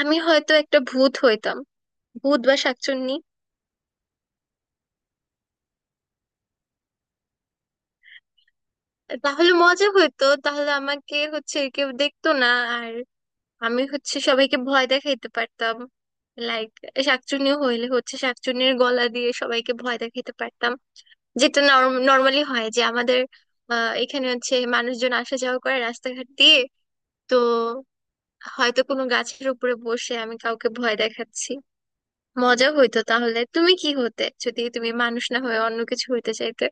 আমি হয়তো একটা ভূত হইতাম। ভূত বা শাকচুন্নি। তাহলে মজা হইতো, তাহলে আমাকে হচ্ছে কেউ দেখতো না। আর আমি হচ্ছে সবাইকে ভয় দেখাইতে পারতাম। লাইক, শাকচুন্নি হইলে হচ্ছে শাকচুন্নির গলা দিয়ে সবাইকে ভয় দেখাইতে পারতাম, যেটা নর্মালি হয় যে আমাদের এখানে হচ্ছে মানুষজন আসা যাওয়া করে রাস্তাঘাট দিয়ে। তো হয়তো কোনো গাছের উপরে বসে আমি কাউকে ভয় দেখাচ্ছি। মজা হইতো। তাহলে তুমি কি হতে, যদি তুমি মানুষ না হয়ে অন্য কিছু হইতে চাইতে?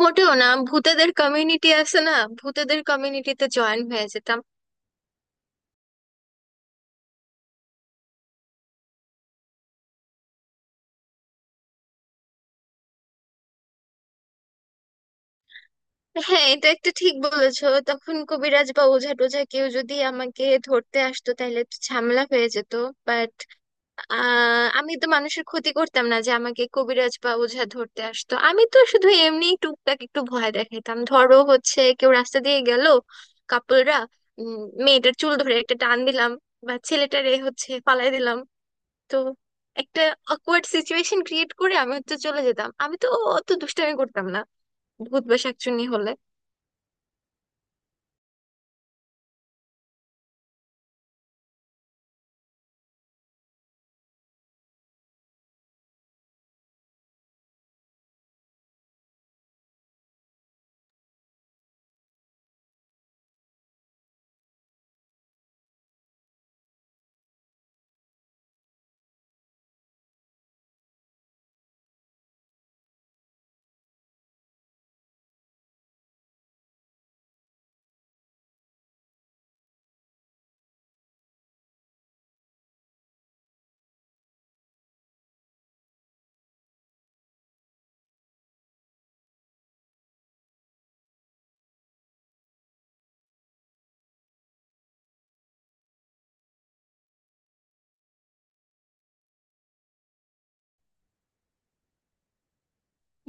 মোটেও না, ভূতেদের কমিউনিটি আছে না? ভূতেদের কমিউনিটিতে জয়েন হয়ে যেতাম। হ্যাঁ, এটা একটা ঠিক বলেছো। তখন কবিরাজ বা ওঝা টোঝা কেউ যদি আমাকে ধরতে আসতো তাহলে একটু ঝামেলা হয়ে যেত। বাট আমি তো মানুষের ক্ষতি করতাম না যে আমাকে কবিরাজ বা ওঝা ধরতে আসতো। আমি তো শুধু এমনি টুকটাক একটু ভয় দেখাতাম। ধরো হচ্ছে কেউ রাস্তা দিয়ে গেল, কাপড়রা মেয়েটার চুল ধরে একটা টান দিলাম, বা ছেলেটারে হচ্ছে পালাই দিলাম। তো একটা অকওয়ার্ড সিচুয়েশন ক্রিয়েট করে আমি হচ্ছে চলে যেতাম। আমি তো অত দুষ্টামি করতাম না ভূত বা শাকচুন্নি হলে।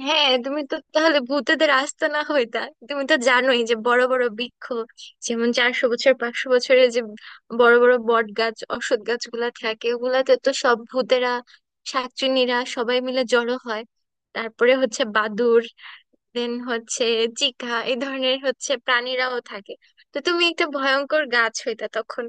হ্যাঁ, তুমি তো তাহলে ভূতেদের আস্ত না হইতা। তুমি তো জানোই যে বড় বড় বৃক্ষ, যেমন 400 বছর 500 বছরের যে বড় বড় বট গাছ অশ্বত্থ গাছগুলা থাকে, ওগুলাতে তো সব ভূতেরা, শাকচুন্নিরা সবাই মিলে জড়ো হয়। তারপরে হচ্ছে বাদুড়, দেন হচ্ছে চিকা, এই ধরনের হচ্ছে প্রাণীরাও থাকে। তো তুমি একটা ভয়ঙ্কর গাছ হইতা তখন।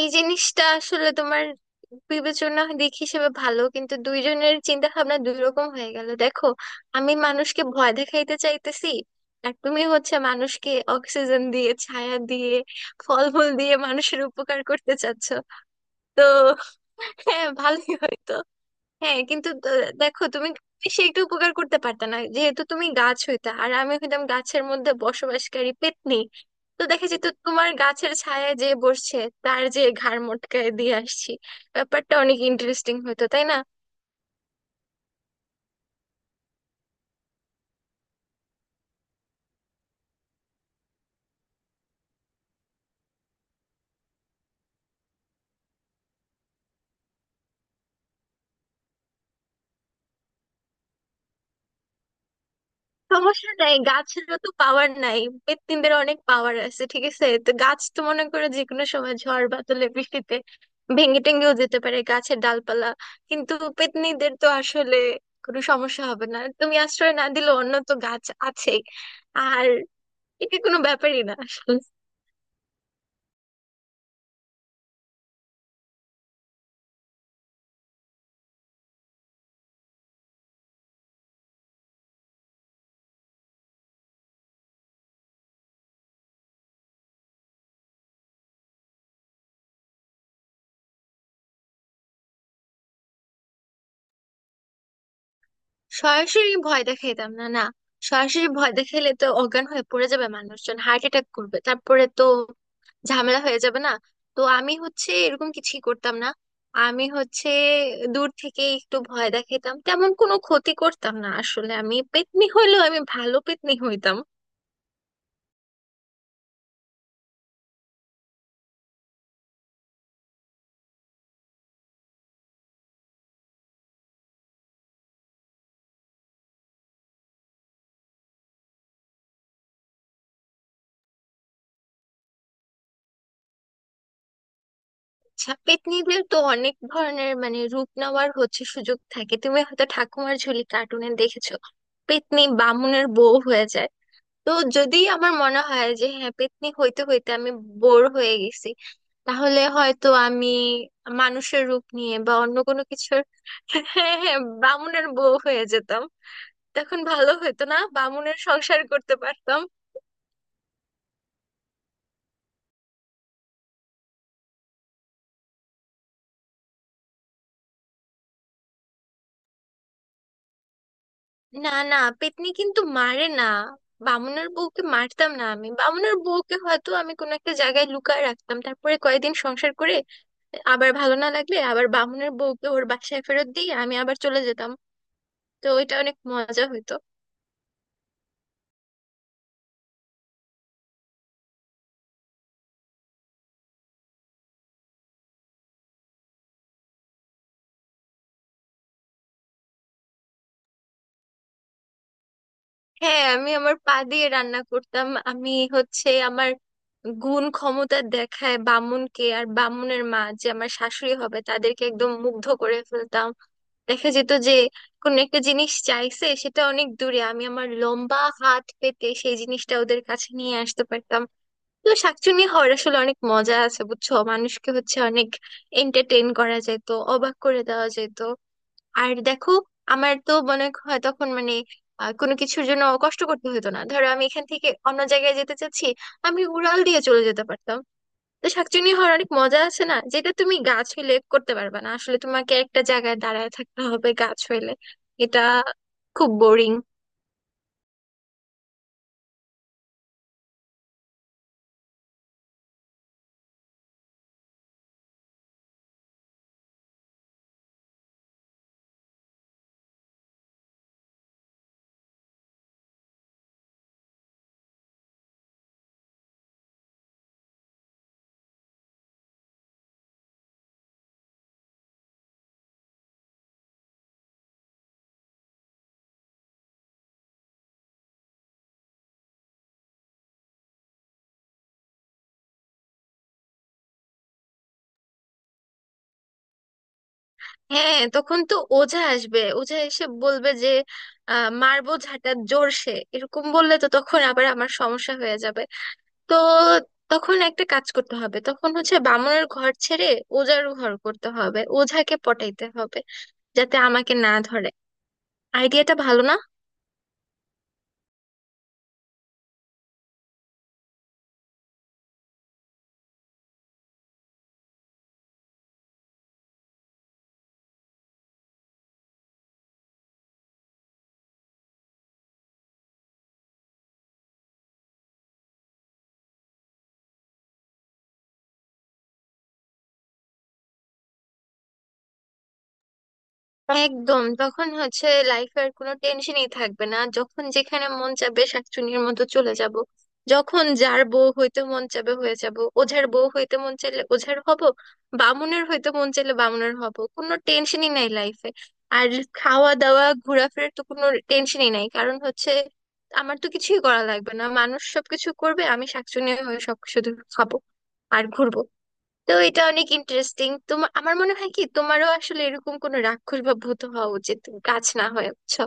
এই জিনিসটা আসলে তোমার বিবেচনা দিক হিসেবে ভালো, কিন্তু দুইজনের চিন্তা ভাবনা দুই রকম হয়ে গেল দেখো। আমি মানুষকে ভয় দেখাইতে চাইতেছি, আর তুমি হচ্ছে মানুষকে অক্সিজেন দিয়ে, ছায়া দিয়ে, ফলমূল দিয়ে মানুষের উপকার করতে চাচ্ছ। তো হ্যাঁ, ভালোই হয়তো। হ্যাঁ কিন্তু দেখো তুমি বেশি একটু উপকার করতে পারতে না, যেহেতু তুমি গাছ হইতা আর আমি হইতাম গাছের মধ্যে বসবাসকারী পেত্নী। তো দেখা যেত তোমার গাছের ছায়ায় যে বসছে, তার যে ঘাড় মটকায় দিয়ে আসছি। ব্যাপারটা অনেক ইন্টারেস্টিং হতো তাই না? সমস্যা নাই, গাছেরও তো পাওয়ার নাই। পেত্নীদের অনেক পাওয়ার আছে, ঠিক আছে? তো গাছ তো মনে করে যে কোনো সময় ঝড় বাদলে বৃষ্টিতে ভেঙে টেঙ্গেও যেতে পারে গাছের ডালপালা। কিন্তু পেত্নীদের তো আসলে কোনো সমস্যা হবে না, তুমি আশ্রয় না দিলে অন্য তো গাছ আছেই। আর এটা কোনো ব্যাপারই না আসলে। সরাসরি ভয় দেখাইতাম না, না। সরাসরি ভয় দেখাইলে তো অজ্ঞান হয়ে পড়ে যাবে মানুষজন, হার্ট অ্যাটাক করবে, তারপরে তো ঝামেলা হয়ে যাবে না? তো আমি হচ্ছে এরকম কিছুই করতাম না। আমি হচ্ছে দূর থেকে একটু ভয় দেখাতাম, তেমন কোনো ক্ষতি করতাম না আসলে। আমি পেতনি হইলেও আমি ভালো পেতনি হইতাম। আচ্ছা, পেতনিদের তো অনেক ধরনের মানে রূপ নেওয়ার হচ্ছে সুযোগ থাকে। তুমি হয়তো ঠাকুমার ঝুলি কার্টুনে দেখেছো পেতনি বামুনের বউ হয়ে যায়। তো যদি আমার মনে হয় যে হ্যাঁ পেত্নী হইতে হইতে আমি বোর হয়ে গেছি, তাহলে হয়তো আমি মানুষের রূপ নিয়ে বা অন্য কোনো কিছুর হ্যাঁ হ্যাঁ, বামুনের বউ হয়ে যেতাম। তখন ভালো হতো না? বামুনের সংসার করতে পারতাম। না না, পেত্নী কিন্তু মারে না। বামুনের বউকে মারতাম না আমি। বামুনের বউকে হয়তো আমি কোনো একটা জায়গায় লুকায় রাখতাম, তারপরে কয়েকদিন সংসার করে আবার ভালো না লাগলে আবার বামুনের বউকে ওর বাসায় ফেরত দিয়ে আমি আবার চলে যেতাম। তো ওইটা অনেক মজা হতো। হ্যাঁ, আমি আমার পা দিয়ে রান্না করতাম। আমি হচ্ছে আমার গুণ ক্ষমতা দেখায় বামুনকে আর বামুনের মা যে আমার শাশুড়ি হবে তাদেরকে একদম মুগ্ধ করে ফেলতাম। দেখা যেত যে কোন একটা জিনিস চাইছে, সেটা অনেক দূরে, আমি আমার লম্বা হাত পেতে সেই জিনিসটা ওদের কাছে নিয়ে আসতে পারতাম। তো শাকচুনি হওয়ার আসলে অনেক মজা আছে, বুঝছো? মানুষকে হচ্ছে অনেক এন্টারটেইন করা যেত, অবাক করে দেওয়া যেত। আর দেখো, আমার তো মনে হয় তখন মানে কোনো কিছুর জন্য কষ্ট করতে হতো না। ধরো আমি এখান থেকে অন্য জায়গায় যেতে চাচ্ছি, আমি উড়াল দিয়ে চলে যেতে পারতাম। তো শাকচুনি হওয়ার অনেক মজা আছে না, যেটা তুমি গাছ হইলে করতে পারবে না। আসলে তোমাকে একটা জায়গায় দাঁড়ায় থাকতে হবে গাছ হইলে। এটা খুব বোরিং। হ্যাঁ, তখন তো ওঝা আসবে। ওঝা এসে বলবে যে মারবো ঝাঁটা জোরসে, এরকম বললে তো তখন আবার আমার সমস্যা হয়ে যাবে। তো তখন একটা কাজ করতে হবে, তখন হচ্ছে বামুনের ঘর ছেড়ে ওঝার ঘর করতে হবে, ওঝাকে পটাইতে হবে যাতে আমাকে না ধরে। আইডিয়াটা ভালো না? একদম, তখন হচ্ছে লাইফের কোনো টেনশনই থাকবে না। যখন যেখানে মন চাবে শাকচুন্নির মতো চলে যাব, যখন যার বউ হইতে মন চাবে হয়ে যাব। ওঝার বউ হইতে মন চাইলে ওঝার হব, বামুনের হইতে মন চাইলে বামুনের হব। কোনো টেনশনই নাই লাইফে। আর খাওয়া দাওয়া ঘোরাফেরার তো কোনো টেনশনই নাই, কারণ হচ্ছে আমার তো কিছুই করা লাগবে না, মানুষ সবকিছু করবে। আমি শাকচুন্নি হয়ে সব শুধু খাবো আর ঘুরবো। তো এটা অনেক ইন্টারেস্টিং। তোমার, আমার মনে হয় কি, তোমারও আসলে এরকম কোনো রাক্ষস বা ভূত হওয়া উচিত, তুমি গাছ না হয়ে, বুঝছো?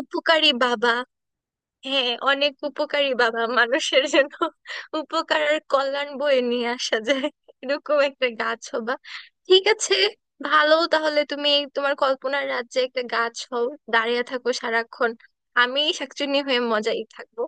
উপকারী বাবা, হ্যাঁ অনেক উপকারী বাবা মানুষের জন্য। উপকার আর কল্যাণ বয়ে নিয়ে আসা যায় এরকম একটা গাছ হবা। ঠিক আছে, ভালো। তাহলে তুমি তোমার কল্পনার রাজ্যে একটা গাছ হও, দাঁড়িয়ে থাকো সারাক্ষণ। আমি শাকচুন্নি হয়ে মজাই থাকবো।